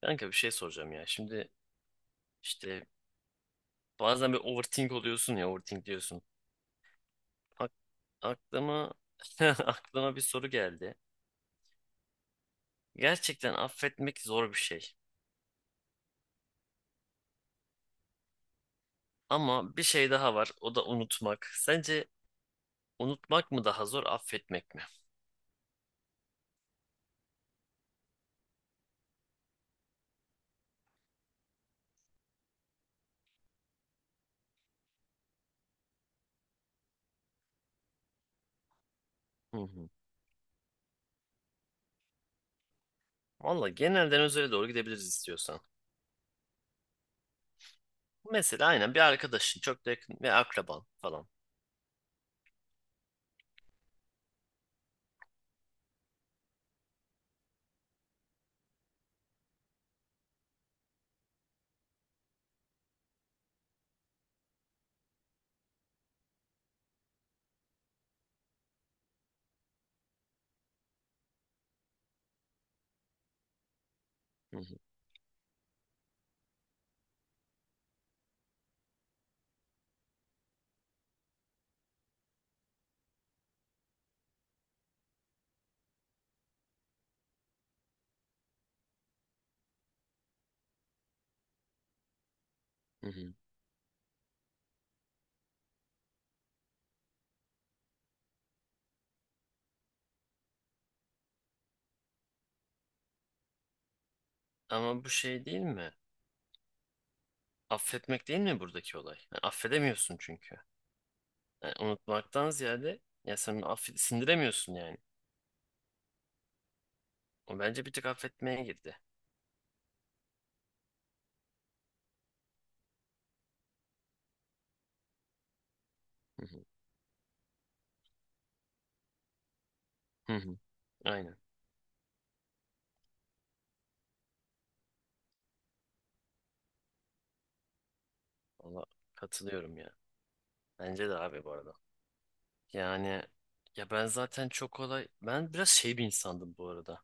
Kanka bir şey soracağım ya. Şimdi işte bazen bir overthink oluyorsun ya overthink diyorsun. Ak- aklıma aklıma bir soru geldi. Gerçekten affetmek zor bir şey. Ama bir şey daha var. O da unutmak. Sence unutmak mı daha zor, affetmek mi? Hı hı. Valla genelden özele doğru gidebiliriz istiyorsan. Mesela aynen bir arkadaşın çok da yakın ve akraban falan. Hı hı. Hı hı. Ama bu şey değil mi? Affetmek değil mi buradaki olay? Yani affedemiyorsun çünkü. Yani unutmaktan ziyade ya sen sindiremiyorsun yani. O bence bir tık affetmeye girdi. Hı hı. Hı hı. Aynen. Valla katılıyorum ya. Bence de abi bu arada. Yani ya ben zaten çok kolay ben biraz şey bir insandım bu arada.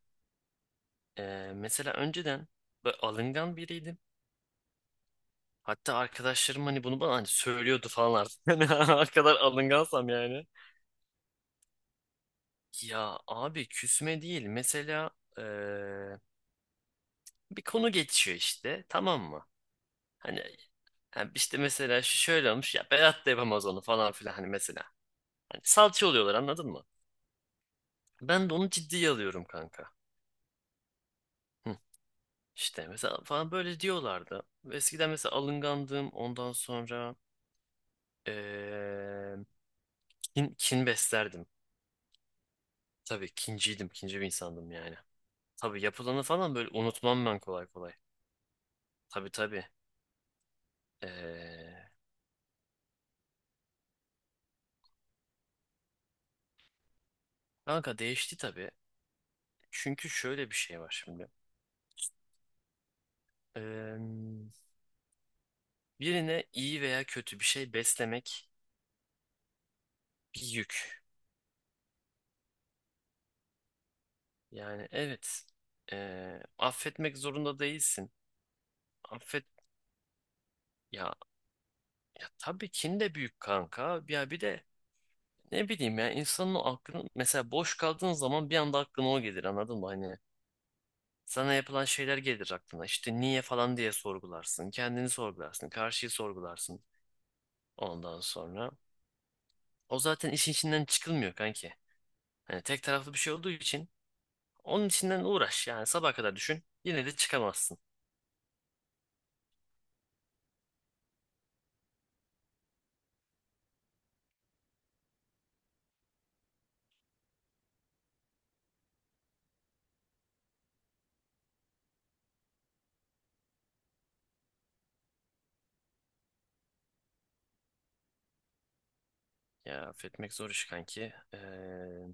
Mesela önceden böyle alıngan biriydim. Hatta arkadaşlarım hani bunu bana hani söylüyordu falan artık. Hani o kadar alıngansam yani. Ya abi küsme değil. Mesela ee, bir konu geçiyor işte, tamam mı? Hani yani işte mesela şu şöyle olmuş ya, Berat da yapamaz onu falan filan hani mesela. Hani salça oluyorlar, anladın mı? Ben de onu ciddiye alıyorum kanka. Hı. İşte mesela falan böyle diyorlardı. Eskiden mesela alıngandım, ondan sonra eee, kin beslerdim. Tabii kinciydim, kinci bir insandım yani. Tabii yapılanı falan böyle unutmam ben, kolay kolay. Tabii tabii. Eee, Kanka değişti tabii. Çünkü şöyle bir şey var şimdi. Eee, Birine iyi veya kötü bir şey beslemek bir yük. Yani evet, affetmek zorunda değilsin. Affet ya, ya tabii kin de büyük kanka. Ya bir de ne bileyim ya, insanın o aklını mesela, boş kaldığın zaman bir anda aklına o gelir, anladın mı? Hani sana yapılan şeyler gelir aklına. İşte niye falan diye sorgularsın. Kendini sorgularsın. Karşıyı sorgularsın ondan sonra. O zaten işin içinden çıkılmıyor kanki. Hani tek taraflı bir şey olduğu için, onun içinden uğraş yani, sabaha kadar düşün. Yine de çıkamazsın. Ya affetmek zor iş kanki.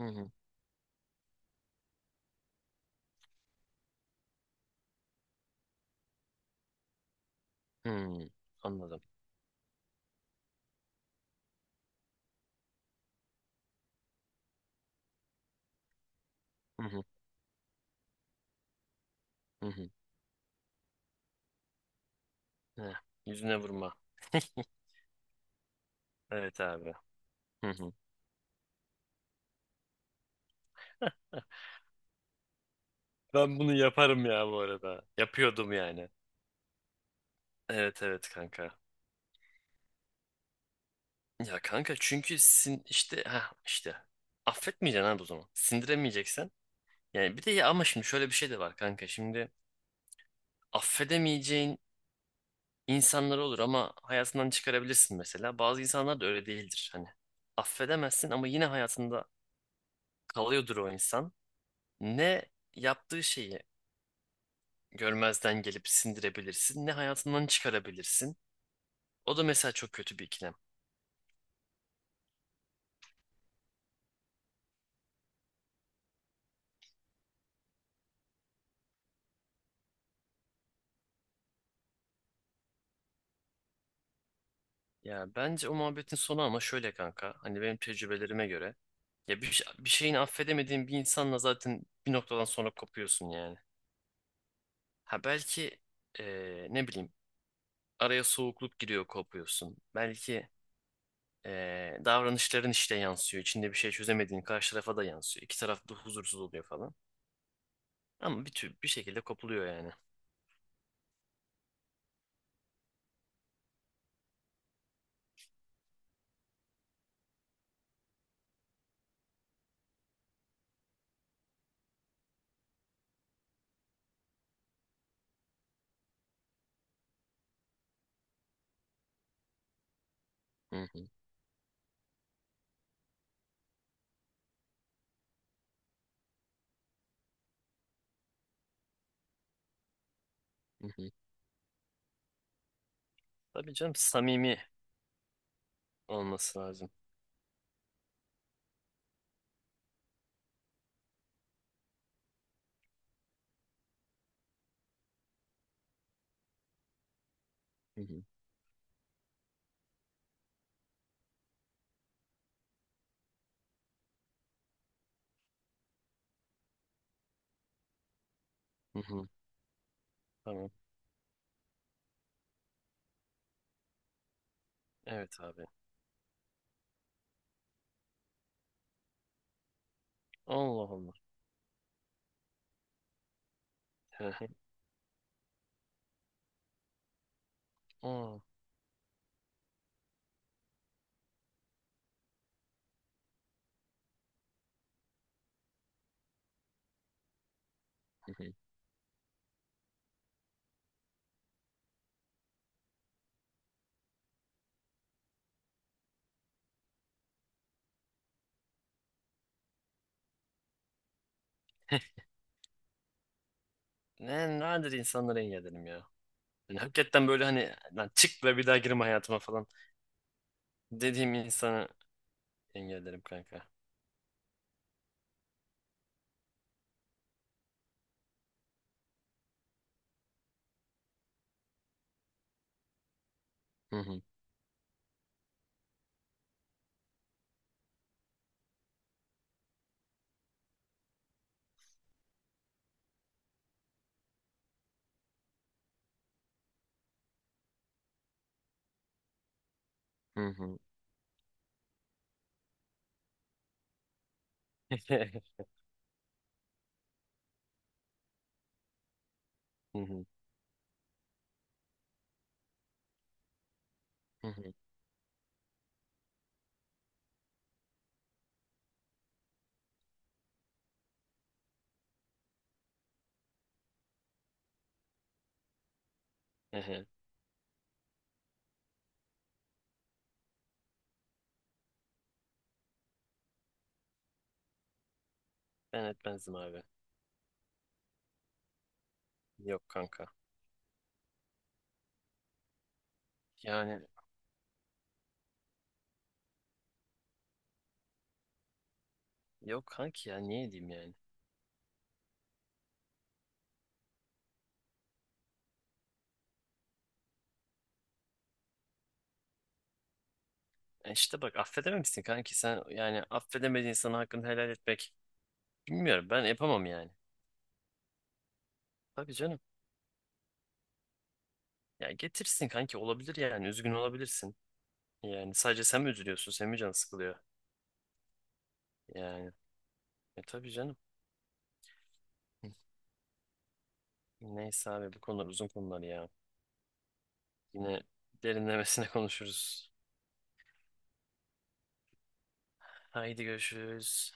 Hı hı, hı, anladım. Hı hı, hı hı. Heh, yüzüne vurma. Evet abi. Hı hı. Ben bunu yaparım ya bu arada. Yapıyordum yani. Evet, evet kanka. Ya kanka çünkü sin işte ha işte affetmeyeceksin abi o zaman. Sindiremeyeceksen. Yani bir de, ya ama şimdi şöyle bir şey de var kanka. Şimdi affedemeyeceğin insanlar olur ama hayatından çıkarabilirsin mesela. Bazı insanlar da öyle değildir hani. Affedemezsin ama yine hayatında kalıyordur o insan. Ne yaptığı şeyi görmezden gelip sindirebilirsin, ne hayatından çıkarabilirsin. O da mesela çok kötü bir ikilem. Ya bence o muhabbetin sonu ama şöyle kanka. Hani benim tecrübelerime göre, ya bir şeyini affedemediğin bir insanla zaten bir noktadan sonra kopuyorsun yani. Ha belki ne bileyim, araya soğukluk giriyor, kopuyorsun. Belki davranışların işte yansıyor. İçinde bir şey çözemediğin, karşı tarafa da yansıyor. İki taraf da huzursuz oluyor falan. Ama bir tür bir şekilde kopuluyor yani. Hı hı. Hı hı. Tabii canım, samimi olması lazım. Hı hı. Hı hı. Tamam. Evet abi. Allah Allah. Hı hı. Aa. Hı hı. Nadir insanları engellerim ya. Yani hakikaten böyle hani, lan çık ve bir daha girme hayatıma falan dediğim insanı engellerim kanka. Hı hı. Hı hı. Hı hı. Hı hı. Hı hı. Ben etmezdim abi. Yok kanka. Yani yok kanki, ya niye diyeyim yani. E işte bak, affedemem misin kanki sen, yani affedemediğin sana hakkını helal etmek, bilmiyorum, ben yapamam yani. Tabii canım. Ya getirsin kanki, olabilir yani, üzgün olabilirsin. Yani sadece sen mi üzülüyorsun, senin mi canın sıkılıyor? Yani tabii canım. Hı. Neyse abi, bu konular uzun konular ya. Yine derinlemesine konuşuruz. Haydi görüşürüz.